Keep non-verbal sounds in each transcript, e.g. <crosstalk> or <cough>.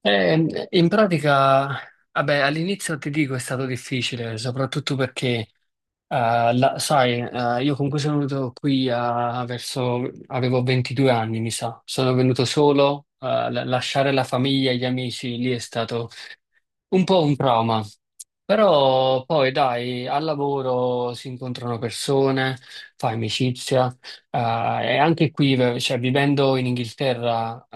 In pratica, vabbè, all'inizio ti dico è stato difficile, soprattutto perché, sai, io comunque sono venuto qui verso, avevo 22 anni, mi sa, sono venuto solo, lasciare la famiglia e gli amici lì è stato un po' un trauma, però poi dai, al lavoro si incontrano persone, fai amicizia, eh, e anche qui, cioè, vivendo in Inghilterra,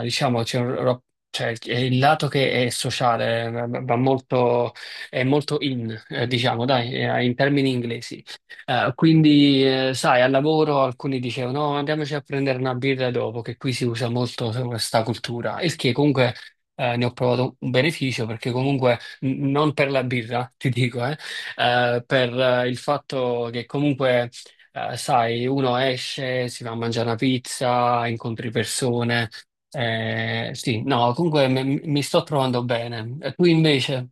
diciamo, c'è un cioè, è il lato che è sociale, va molto, è molto in, diciamo, dai, in termini inglesi. Quindi, sai, al lavoro alcuni dicevano, no, andiamoci a prendere una birra dopo, che qui si usa molto questa cultura, il che comunque ne ho provato un beneficio perché comunque non per la birra, <laughs> ti dico, per il fatto che comunque, sai, uno esce, si va a mangiare una pizza, incontri persone. Sì, no, comunque mi sto trovando bene. E tu invece?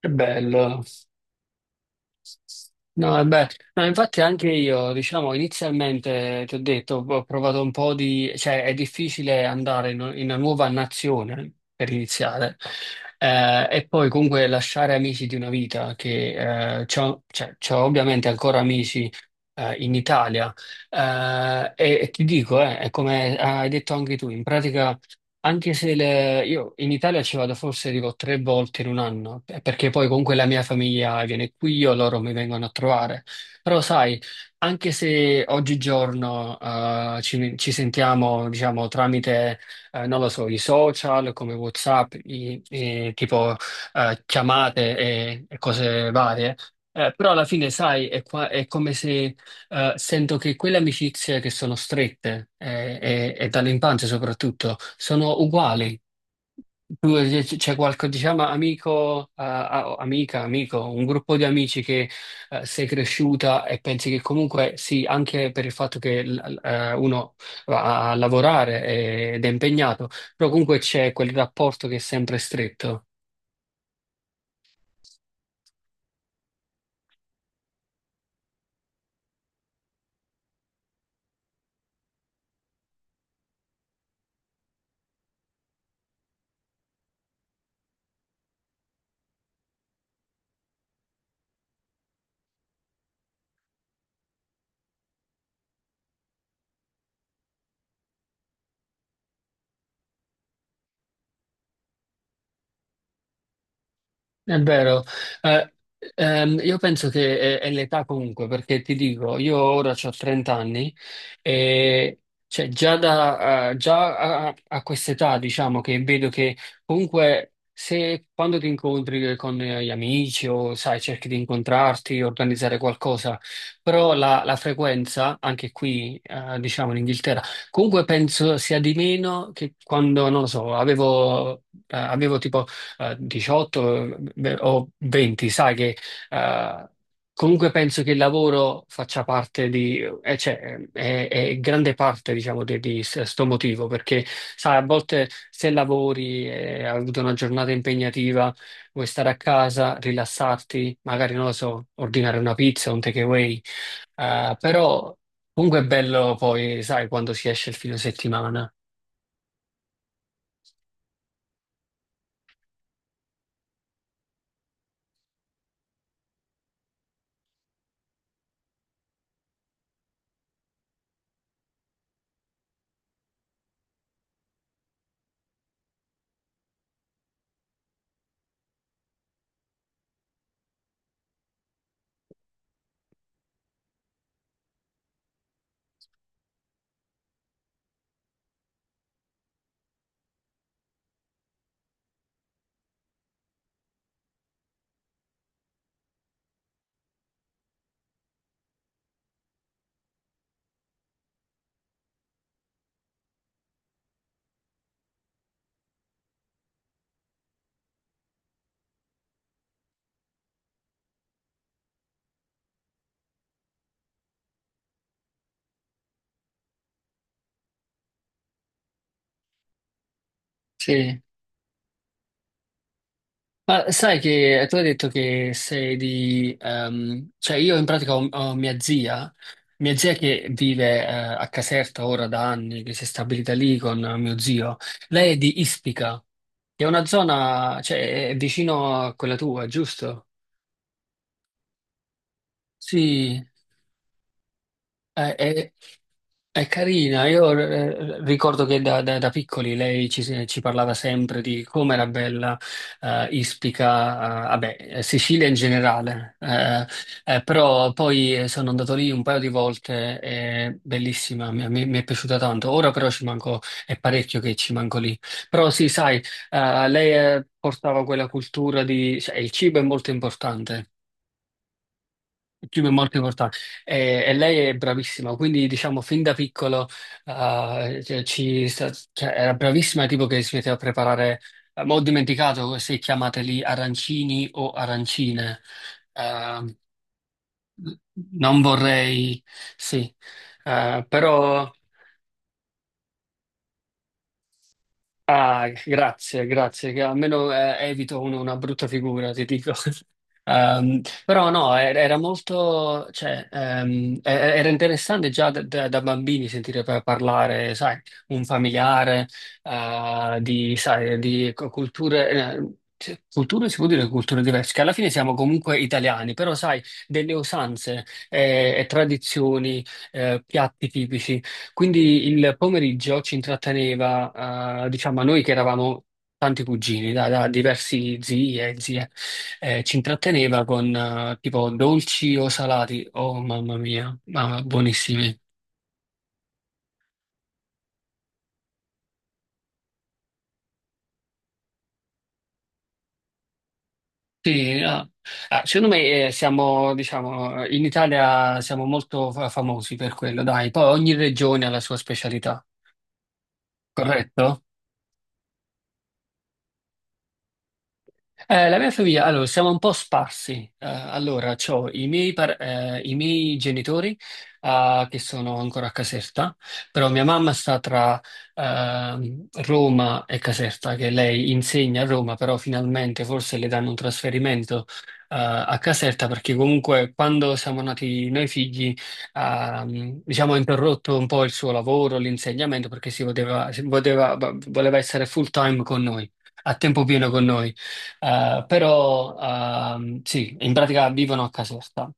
Che bello. No, e beh, no, infatti anche io, diciamo, inizialmente ti ho detto, ho provato un po' di, cioè è difficile andare in una nuova nazione per iniziare, e poi comunque lasciare amici di una vita, che c'ho, cioè, c'ho ovviamente ancora amici in Italia, e ti dico, è come hai detto anche tu, in pratica anche se io in Italia ci vado forse dico tre volte in un anno, perché poi comunque la mia famiglia viene qui, io loro mi vengono a trovare. Però sai, anche se oggigiorno, ci sentiamo, diciamo, tramite, non lo so, i social come WhatsApp, tipo chiamate e cose varie, però alla fine sai, è come se, sento che quelle amicizie che sono strette, e dall'infanzia soprattutto sono uguali. Tu, c'è qualche, diciamo, amico, amica, amico, un gruppo di amici che, sei cresciuta e pensi che comunque sì, anche per il fatto che uno va a lavorare ed è impegnato, però comunque c'è quel rapporto che è sempre stretto. È vero. Eh, io penso che è l'età comunque, perché ti dico, io ora ho 30 anni e cioè, già, già a quest'età diciamo che vedo che comunque se quando ti incontri con, gli amici o sai, cerchi di incontrarti, organizzare qualcosa, però la frequenza, anche qui, diciamo in Inghilterra, comunque penso sia di meno che quando, non lo so, avevo tipo, 18 beh, o 20, sai che, eh, comunque penso che il lavoro faccia parte cioè, è grande parte, diciamo, di sto motivo, perché sai, a volte se lavori e hai avuto una giornata impegnativa, vuoi stare a casa, rilassarti, magari, non lo so, ordinare una pizza, un takeaway, però comunque è bello poi, sai, quando si esce il fine settimana. Sì. Ma sai che, tu hai detto che sei di... cioè io in pratica ho mia zia che vive, a Caserta ora da anni, che si è stabilita lì con mio zio. Lei è di Ispica, che è una zona, cioè è vicino a quella tua, giusto? Sì, eh, è, è carina, io ricordo che da piccoli lei ci parlava sempre di come era bella, Ispica, vabbè, Sicilia in generale, però poi, sono andato lì un paio di volte, è bellissima, mi è piaciuta tanto, ora però ci manco, è parecchio che ci manco lì, però sì, sai, lei, portava quella cultura di, cioè, il cibo è molto importante, Fiume è molto importante e lei è bravissima, quindi diciamo fin da piccolo, cioè, cioè, era bravissima, tipo che si metteva a preparare, ma ho dimenticato se chiamateli arancini o arancine. Eh, Non vorrei, sì. Però. Ah, grazie, grazie, che almeno, evito una brutta figura, ti dico. <laughs> Però no, era molto, cioè, era interessante già da bambini sentire parlare, sai, un familiare, di, sai, di culture, cioè, culture, si può dire culture diverse, che alla fine siamo comunque italiani, però sai, delle usanze, e tradizioni, piatti tipici. Quindi il pomeriggio ci intratteneva, diciamo, a noi che eravamo tanti cugini, da diversi zii e zie, ci intratteneva con, tipo dolci o salati. Oh mamma mia, ma buonissimi. Sì, ah. Ah, secondo me, siamo, diciamo, in Italia siamo molto famosi per quello, dai. Poi ogni regione ha la sua specialità, corretto? La mia famiglia, allora, siamo un po' sparsi. Allora, c'ho i miei genitori, che sono ancora a Caserta, però mia mamma sta tra, Roma e Caserta, che lei insegna a Roma, però finalmente forse le danno un trasferimento, a Caserta, perché comunque quando siamo nati noi figli, diciamo, ha interrotto un po' il suo lavoro, l'insegnamento, perché voleva essere full time con noi, a tempo pieno con noi. Però sì, in pratica vivono a Caserta,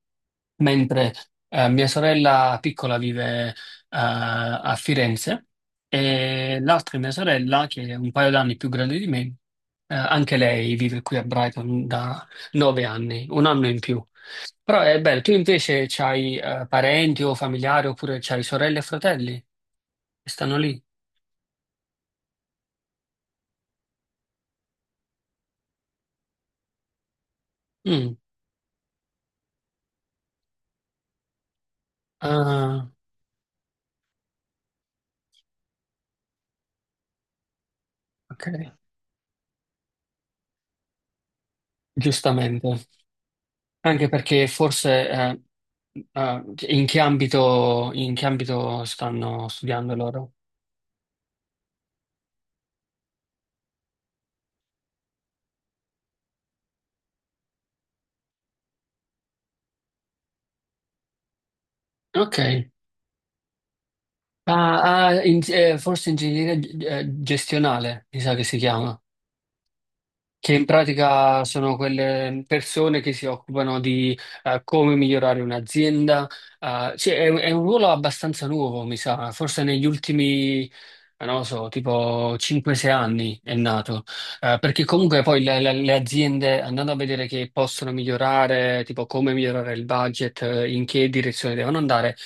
mentre, mia sorella piccola vive, a Firenze e l'altra mia sorella, che è un paio d'anni più grande di me, anche lei vive qui a Brighton da 9 anni, un anno in più. Però è bello, tu invece c'hai, parenti o familiari oppure c'hai sorelle e fratelli che stanno lì? Mm. Ah, ok, giustamente. Anche perché forse, in che ambito stanno studiando loro? Ok. Ah, ah, forse ingegneria, gestionale, mi sa che si chiama. Che in pratica sono quelle persone che si occupano di, come migliorare un'azienda. Cioè, è un ruolo abbastanza nuovo, mi sa, forse negli ultimi, non lo so, tipo 5-6 anni è nato. Perché comunque poi le aziende, andando a vedere che possono migliorare, tipo come migliorare il budget, in che direzione devono andare,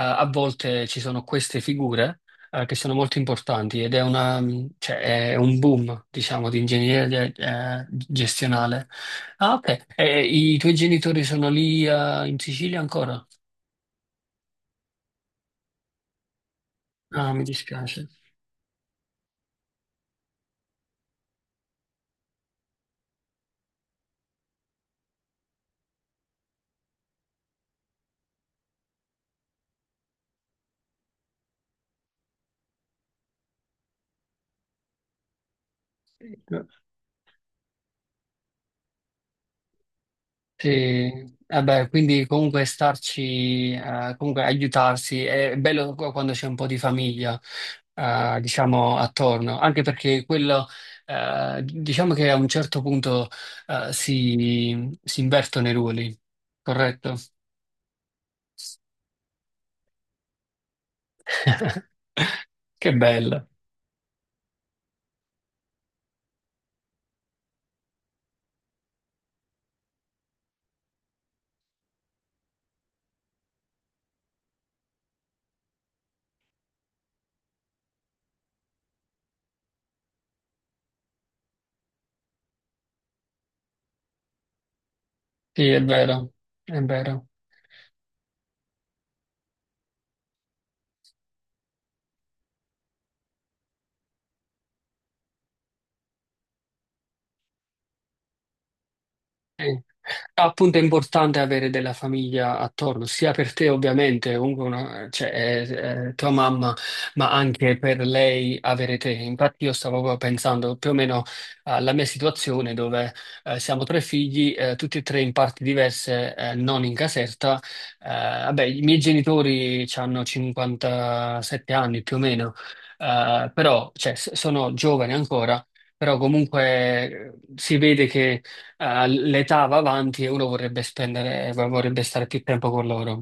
a volte ci sono queste figure, che sono molto importanti cioè, è un boom, diciamo, di ingegneria, gestionale. Ah, ok. E i tuoi genitori sono lì, in Sicilia ancora? Ah, mi dispiace. Sì, vabbè, quindi comunque starci, comunque aiutarsi, è bello quando c'è un po' di famiglia, diciamo, attorno, anche perché quello, diciamo che a un certo punto, si invertono i ruoli, corretto? <laughs> Che bello, sì, è vero, è vero. Sì. Appunto è importante avere della famiglia attorno, sia per te ovviamente, comunque cioè, è tua mamma, ma anche per lei avere te. Infatti io stavo proprio pensando più o meno alla mia situazione dove, siamo tre figli, tutti e tre in parti diverse, non in Caserta. Vabbè, i miei genitori hanno 57 anni più o meno, però cioè, sono giovani ancora, però comunque, si vede che, l'età va avanti e uno vorrebbe spendere, vorrebbe stare più tempo con loro.